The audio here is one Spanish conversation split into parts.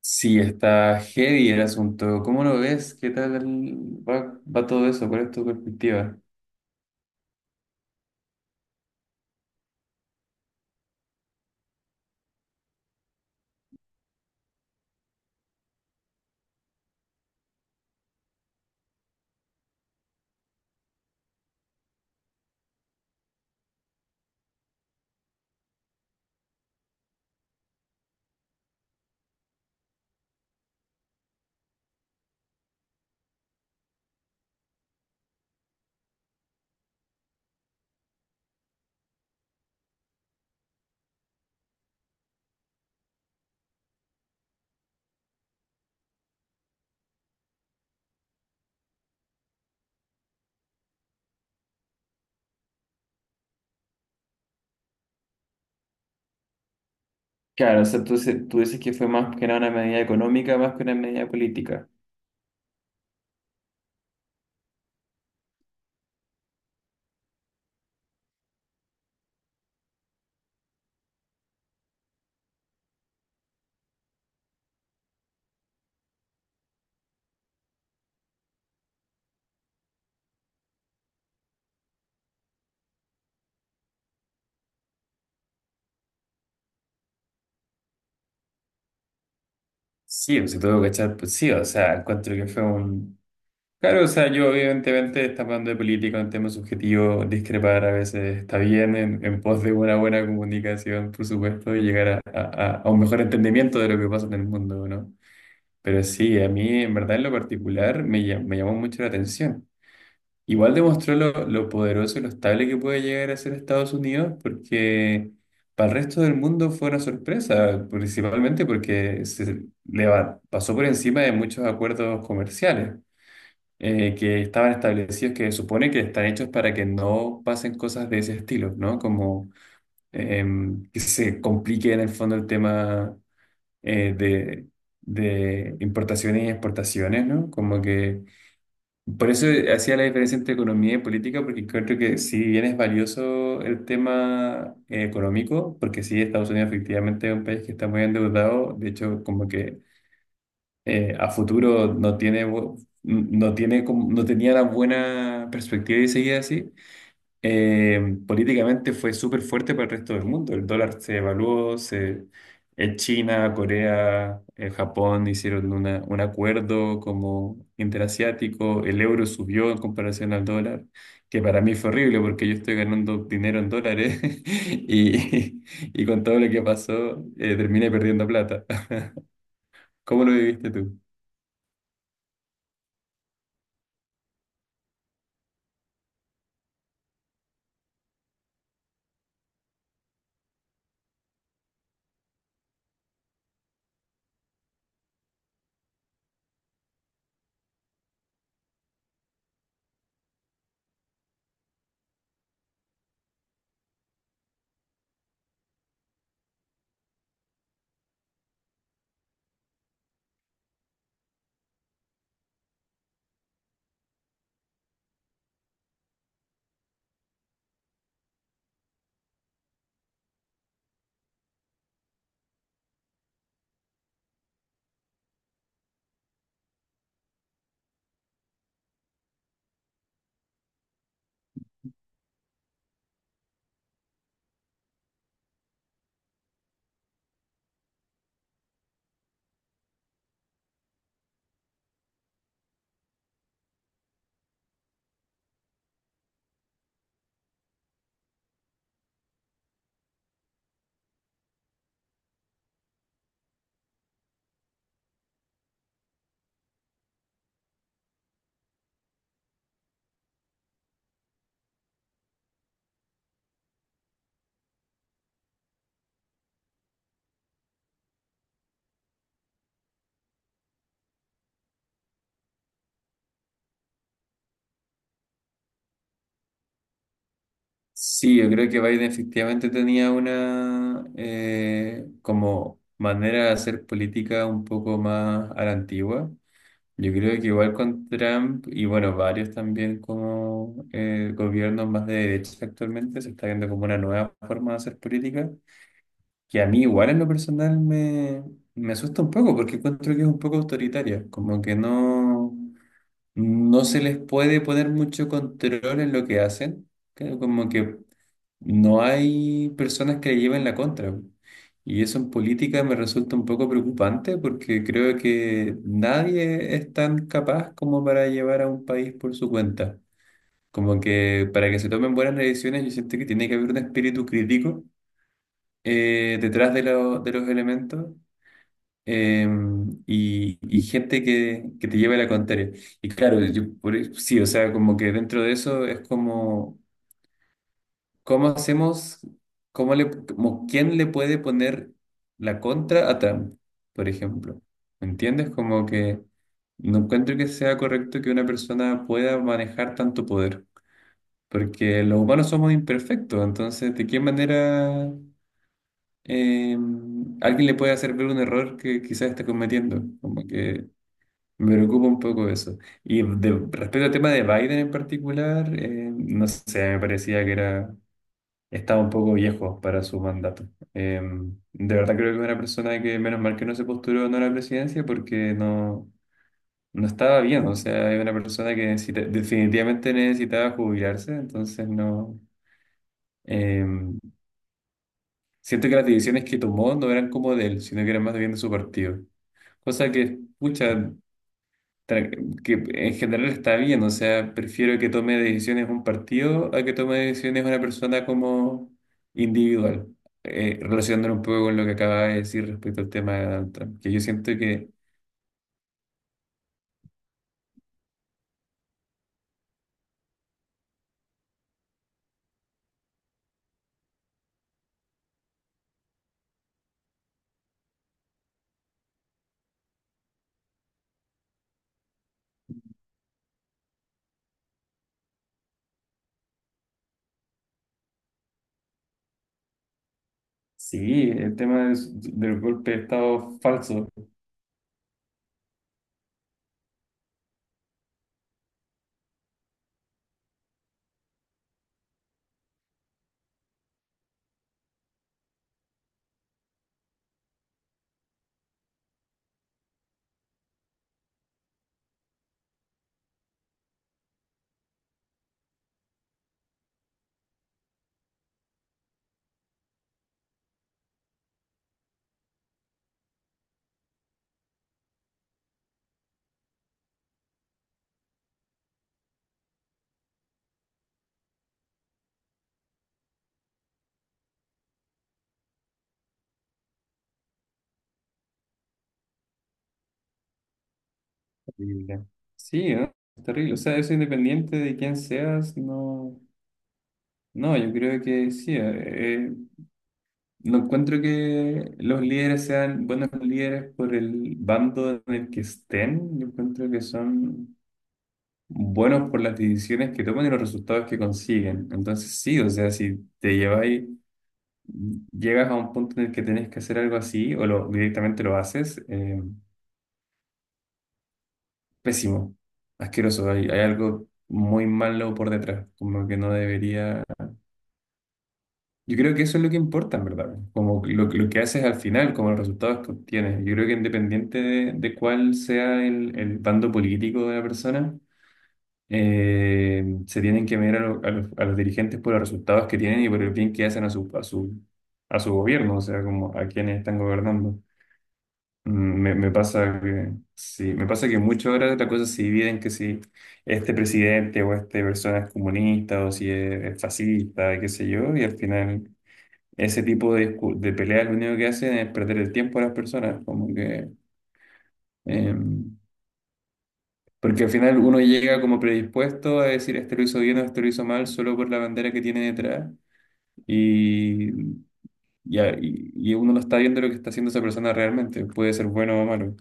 Sí, está heavy el asunto. ¿Cómo lo ves? ¿Qué tal va todo eso? ¿Cuál es tu perspectiva? Claro, o sea, tú dices que fue más que nada una medida económica, más que una medida política. Sí, pues se tuvo que echar, pues sí, o sea, encuentro que fue un. Claro, o sea, yo evidentemente está hablando de política, un tema subjetivo, discrepar a veces está bien en pos de una buena comunicación, por supuesto, y llegar a un mejor entendimiento de lo que pasa en el mundo, ¿no? Pero sí, a mí en verdad en lo particular me llamó mucho la atención. Igual demostró lo poderoso y lo estable que puede llegar a ser Estados Unidos, porque para el resto del mundo fue una sorpresa, principalmente porque pasó por encima de muchos acuerdos comerciales que estaban establecidos, que supone que están hechos para que no pasen cosas de ese estilo, ¿no? Como que se complique en el fondo el tema eh, de, de importaciones y exportaciones, ¿no? Como que por eso hacía la diferencia entre economía y política, porque creo que si bien es valioso el tema económico, porque sí, Estados Unidos efectivamente es un país que está muy endeudado, de hecho, como que a futuro no tiene, no tiene, no tenía la buena perspectiva de seguir así, políticamente fue súper fuerte para el resto del mundo. El dólar se evaluó, se, en China, Corea, Japón hicieron un acuerdo como interasiático, el euro subió en comparación al dólar, que para mí fue horrible porque yo estoy ganando dinero en dólares y, y con todo lo que pasó terminé perdiendo plata. ¿Cómo lo viviste tú? Sí, yo creo que Biden efectivamente tenía una como manera de hacer política un poco más a la antigua. Yo creo que igual con Trump y bueno, varios también como gobiernos más de derecha actualmente, se está viendo como una nueva forma de hacer política, que a mí igual en lo personal me asusta un poco porque encuentro que es un poco autoritaria, como que no. No se les puede poner mucho control en lo que hacen, como que no hay personas que le lleven la contra. Y eso en política me resulta un poco preocupante porque creo que nadie es tan capaz como para llevar a un país por su cuenta. Como que para que se tomen buenas decisiones, yo siento que tiene que haber un espíritu crítico detrás de, de los elementos eh, y, gente que te lleve la contraria. Y claro, yo, sí, o sea, como que dentro de eso es como, ¿cómo hacemos, cómo le, como quién le puede poner la contra a Trump, por ejemplo? ¿Me entiendes? Como que no encuentro que sea correcto que una persona pueda manejar tanto poder, porque los humanos somos imperfectos, entonces, ¿de qué manera... eh, alguien le puede hacer ver un error que quizás está cometiendo, como que me preocupa un poco eso. Y respecto al tema de Biden en particular, no sé, me parecía que era, estaba un poco viejo para su mandato. Eh, de verdad creo que es una persona que menos mal que no se postuló no a la presidencia porque no, no estaba bien. O sea, es una persona que definitivamente necesitaba jubilarse, entonces no. eh, Siento que las decisiones que tomó no eran como de él, sino que eran más bien de su partido. Cosa que, pucha, tra- que en general está bien, o sea, prefiero que tome decisiones un partido a que tome decisiones una persona como individual, relacionándolo un poco con lo que acaba de decir respecto al tema de Donald Trump, que yo siento que sí, el tema del golpe de Estado falso, terrible. Sí, ¿no? Es terrible, o sea, eso independiente de quién seas, no, no, yo creo que sí, no encuentro que los líderes sean buenos líderes por el bando en el que estén. Yo encuentro que son buenos por las decisiones que toman y los resultados que consiguen. Entonces, sí, o sea, si te lleváis, llegas a un punto en el que tenés que hacer algo así o lo, directamente lo haces, pésimo, asqueroso. Hay algo muy malo por detrás, como que no debería. Yo creo que eso es lo que importa, en verdad. Como lo que haces al final, como los resultados que obtienes. Yo creo que independiente de cuál sea el bando político de la persona, se tienen que mirar a, a los dirigentes por los resultados que tienen y por el bien que hacen a su, a su, a su gobierno, o sea, como a quienes están gobernando. Mm, me pasa que, sí, me pasa que mucho ahora la cosa se divide en que si este presidente o esta persona es comunista o si es, es fascista, qué sé yo, y al final ese tipo de, de peleas lo único que hacen es perder el tiempo a las personas, como que, eh, porque al final uno llega como predispuesto a decir, este lo hizo bien o este lo hizo mal, solo por la bandera que tiene detrás, y, y, y uno no está viendo lo que está haciendo esa persona realmente, puede ser bueno o malo.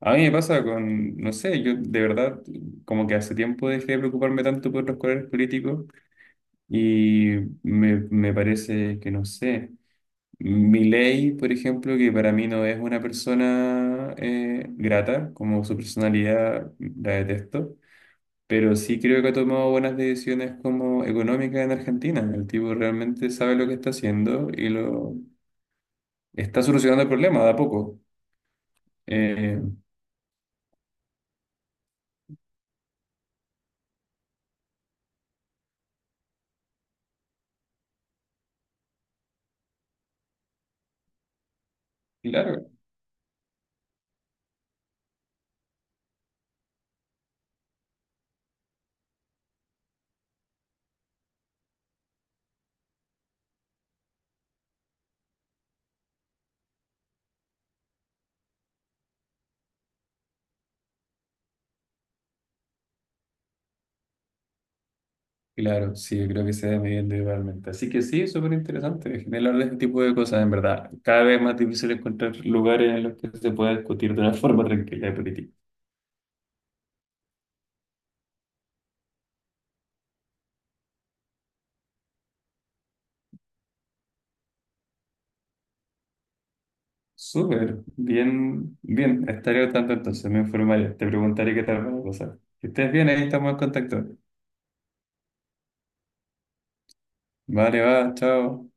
A mí me pasa con, no sé, yo de verdad como que hace tiempo dejé de preocuparme tanto por los colores políticos y me parece que no sé. Milei, por ejemplo, que para mí no es una persona grata, como su personalidad la detesto, pero sí creo que ha tomado buenas decisiones como económicas en Argentina. El tipo realmente sabe lo que está haciendo y lo está solucionando el problema de a poco. Eh, claro, claro, sí, yo creo que se da midiendo igualmente. Así que sí, es súper interesante generar ese tipo de cosas, en verdad. Cada vez más difícil encontrar lugares en los que se pueda discutir de una forma tranquila de política. Súper, bien, bien, estaré al tanto entonces, me informaré, te preguntaré qué tal va la cosa. Que estés bien, ahí estamos en contacto. Vale, va, chao.